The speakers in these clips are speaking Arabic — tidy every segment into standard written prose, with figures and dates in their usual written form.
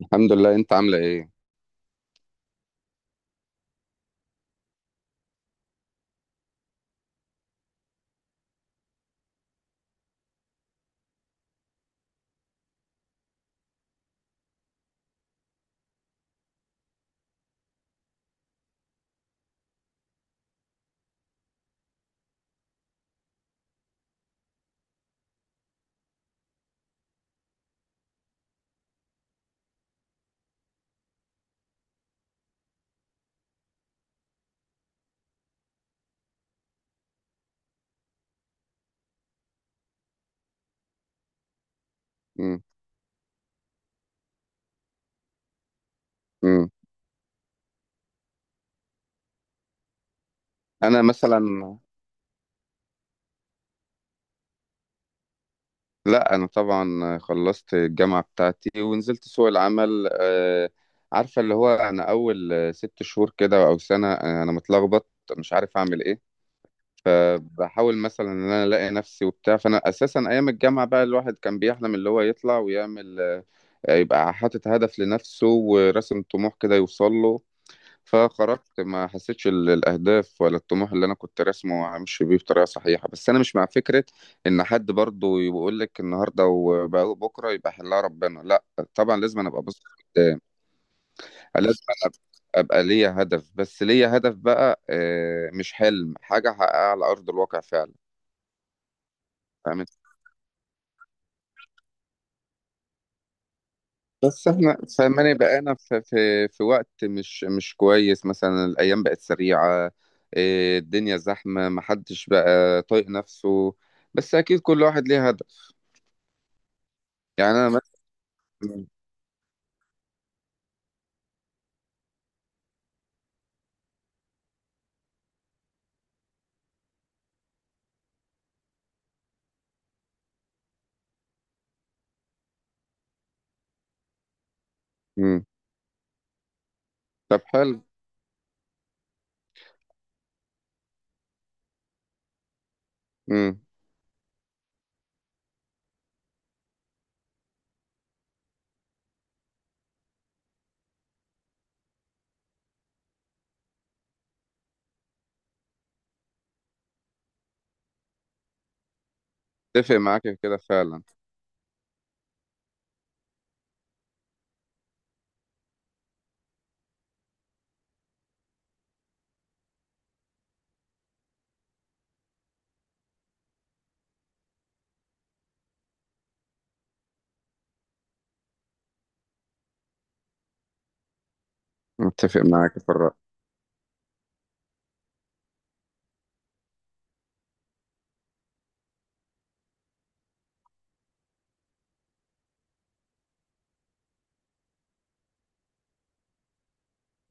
الحمد لله، انت عامله ايه؟ مم. مم. انا مثلا لا، انا طبعا خلصت الجامعه بتاعتي ونزلت سوق العمل. عارفه اللي هو انا اول 6 شهور كده او سنه، انا متلخبط مش عارف اعمل ايه. فبحاول مثلا ان انا الاقي نفسي وبتاع، فانا اساسا ايام الجامعه بقى الواحد كان بيحلم اللي هو يطلع ويعمل، يبقى حاطط هدف لنفسه وراسم طموح كده يوصل له. فخرجت ما حسيتش الاهداف ولا الطموح اللي انا كنت راسمه همشي بيه بطريقه صحيحه، بس انا مش مع فكره ان حد برضه يقول لك النهارده وبكره يبقى حلها ربنا، لا. طبعا لازم أنا ابقى بص قدام. لازم أنا ابقى ليا هدف، بس ليا هدف بقى، مش حلم، حاجه احققها على ارض الواقع فعلا. فاهم. بس احنا فاهماني بقينا في وقت مش كويس، مثلا الايام بقت سريعه، إيه، الدنيا زحمه محدش بقى طايق نفسه، بس اكيد كل واحد ليه هدف. يعني انا مثلا. مم. طب حلو. مم. اتفق معاك في كده فعلا. متفق معاك في الرأي.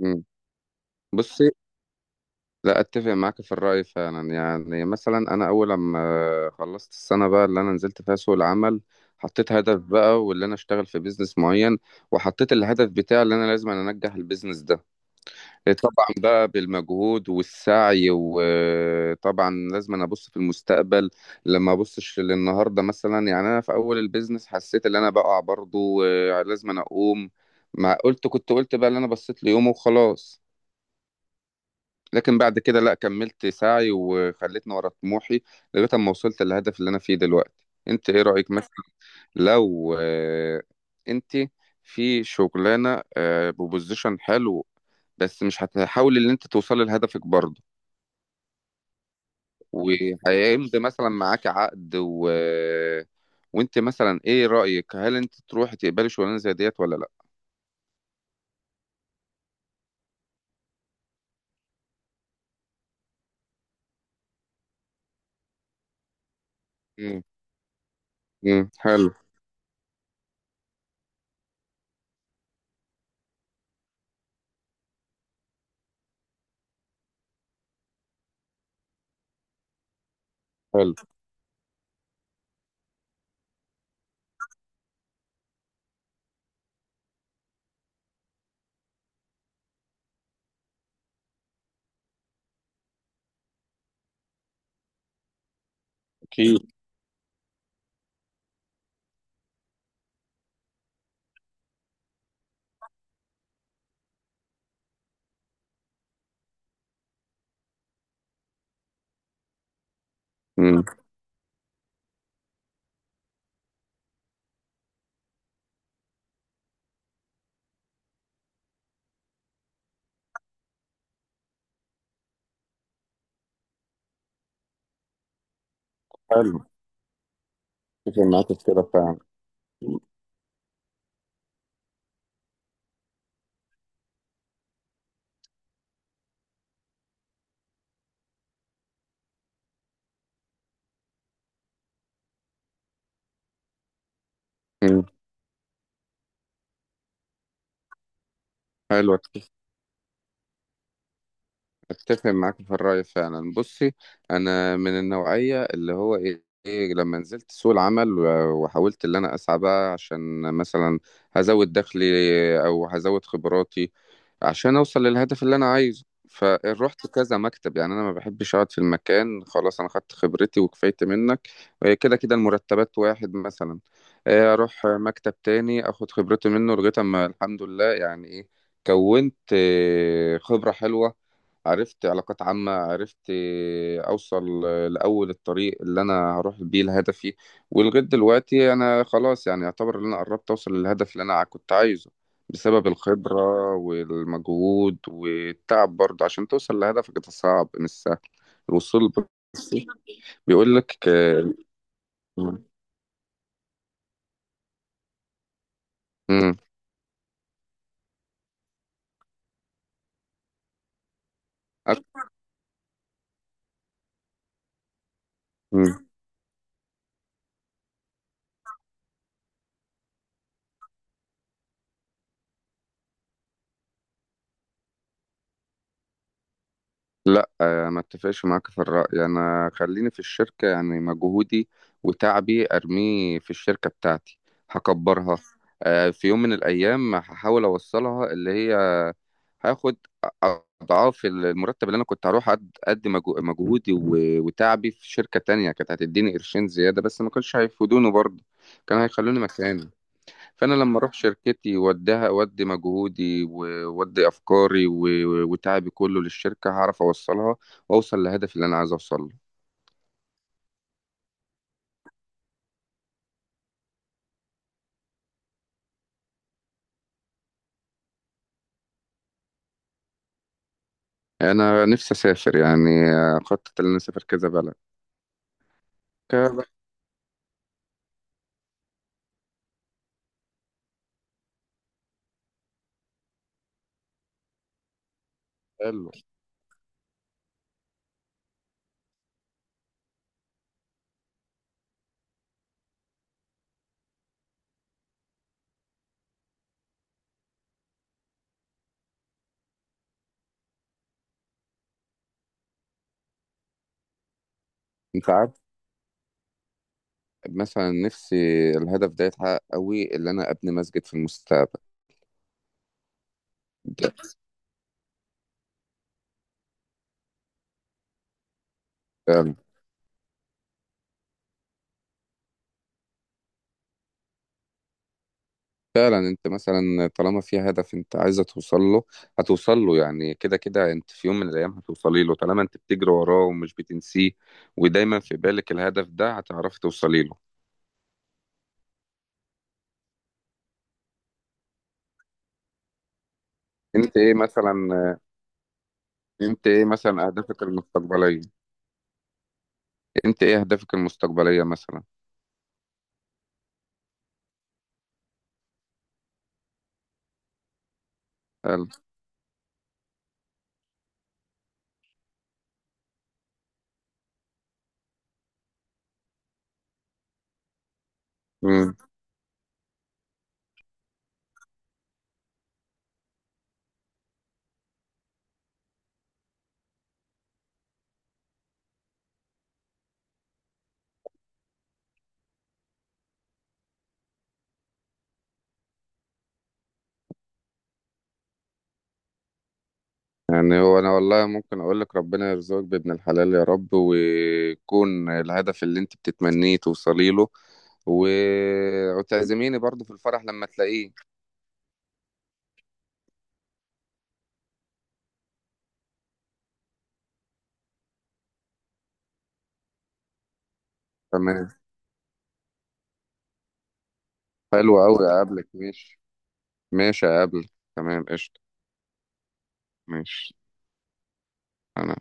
مم. بص، لا اتفق معاك في الرأي فعلا. يعني مثلا انا اول لما خلصت السنة بقى اللي انا نزلت فيها سوق العمل حطيت هدف بقى واللي انا اشتغل في بيزنس معين، وحطيت الهدف بتاعي اللي انا لازم انجح البيزنس ده. إيه، طبعا بقى بالمجهود والسعي، وطبعا لازم انا ابص في المستقبل، لما ابصش للنهارده مثلا. يعني انا في اول البيزنس حسيت ان انا بقع برضو، لازم انا اقوم. ما قلت كنت قلت بقى اللي انا بصيت ليومه وخلاص، لكن بعد كده لا كملت سعي وخلتني ورا طموحي لغاية ما وصلت للهدف اللي أنا فيه دلوقتي. أنت إيه رأيك مثلا، لو أنت في شغلانة ببوزيشن حلو، بس مش هتحاولي ان انت توصلي لهدفك برضه، وهيمضي مثلا معاك عقد وانت مثلا ايه رأيك، هل انت تروحي تقبلي شغلانه زي ديت ولا لا؟ امم. امم، حلو. حلو. اكيد. امم. حلو. اتفق معاك في كده فعلا. امم. حلو. اتفق معاك في الرأي فعلا. بصي، انا من النوعية اللي هو ايه إيه لما نزلت سوق العمل وحاولت اللي انا اسعى بقى عشان مثلا هزود دخلي او هزود خبراتي عشان اوصل للهدف اللي انا عايزه. فروحت كذا مكتب، يعني انا ما بحبش اقعد في المكان خلاص انا خدت خبرتي وكفايت منك. كده كده المرتبات واحد مثلا، اروح مكتب تاني اخد خبرتي منه لغايه اما الحمد لله، يعني ايه، كونت خبره حلوه، عرفت علاقات عامة، عرفت أوصل لأول الطريق اللي أنا هروح بيه لهدفي. ولغاية دلوقتي أنا خلاص، يعني يعتبر إن أنا قربت أوصل للهدف اللي أنا كنت عايزه بسبب الخبرة والمجهود والتعب، برضه عشان توصل لهدفك ده صعب مش سهل الوصول. بس بيقول لك مم. أك- ما اتفقش معاك في الرأي. انا خليني في الشركة، يعني مجهودي وتعبي ارميه في الشركة بتاعتي هكبرها، في يوم من الايام هحاول اوصلها اللي هي هاخد اضعاف المرتب اللي انا كنت هروح ادي مجهودي وتعبي في شركة تانية كانت هتديني قرشين زيادة بس ما كانش هيفيدوني برضه، كانوا هيخلوني مكاني. فانا لما اروح شركتي واديها اودي مجهودي وودي افكاري وتعبي كله للشركه هعرف اوصلها واوصل لهدفي اللي انا عايز اوصله. انا نفسي اسافر، يعني خطط ان انا اسافر كذا بلد، كذا بلد. حلو. انت عارف، مثلا نفسي الهدف ده يتحقق قوي، اللي انا ابني مسجد في المستقبل، ده فعلا. انت مثلا طالما في هدف انت عايزه توصل له هتوصل له، يعني كده كده انت في يوم من الايام هتوصلي له طالما انت بتجري وراه ومش بتنسيه، ودايما في بالك الهدف ده هتعرفي توصلي له. انت ايه مثلا، انت ايه مثلا اهدافك المستقبليه، انت ايه اهدافك المستقبليه مثلا؟ قال- مم. يعني هو انا والله ممكن اقول لك ربنا يرزقك بابن الحلال يا رب، ويكون الهدف اللي انت بتتمنيه توصلي له و... وتعزميني برضو في الفرح لما تلاقيه. تمام. حلو أوي، أقابلك، ماشي. ماشي، أقابلك. تمام، قشطة. ماشي. أنا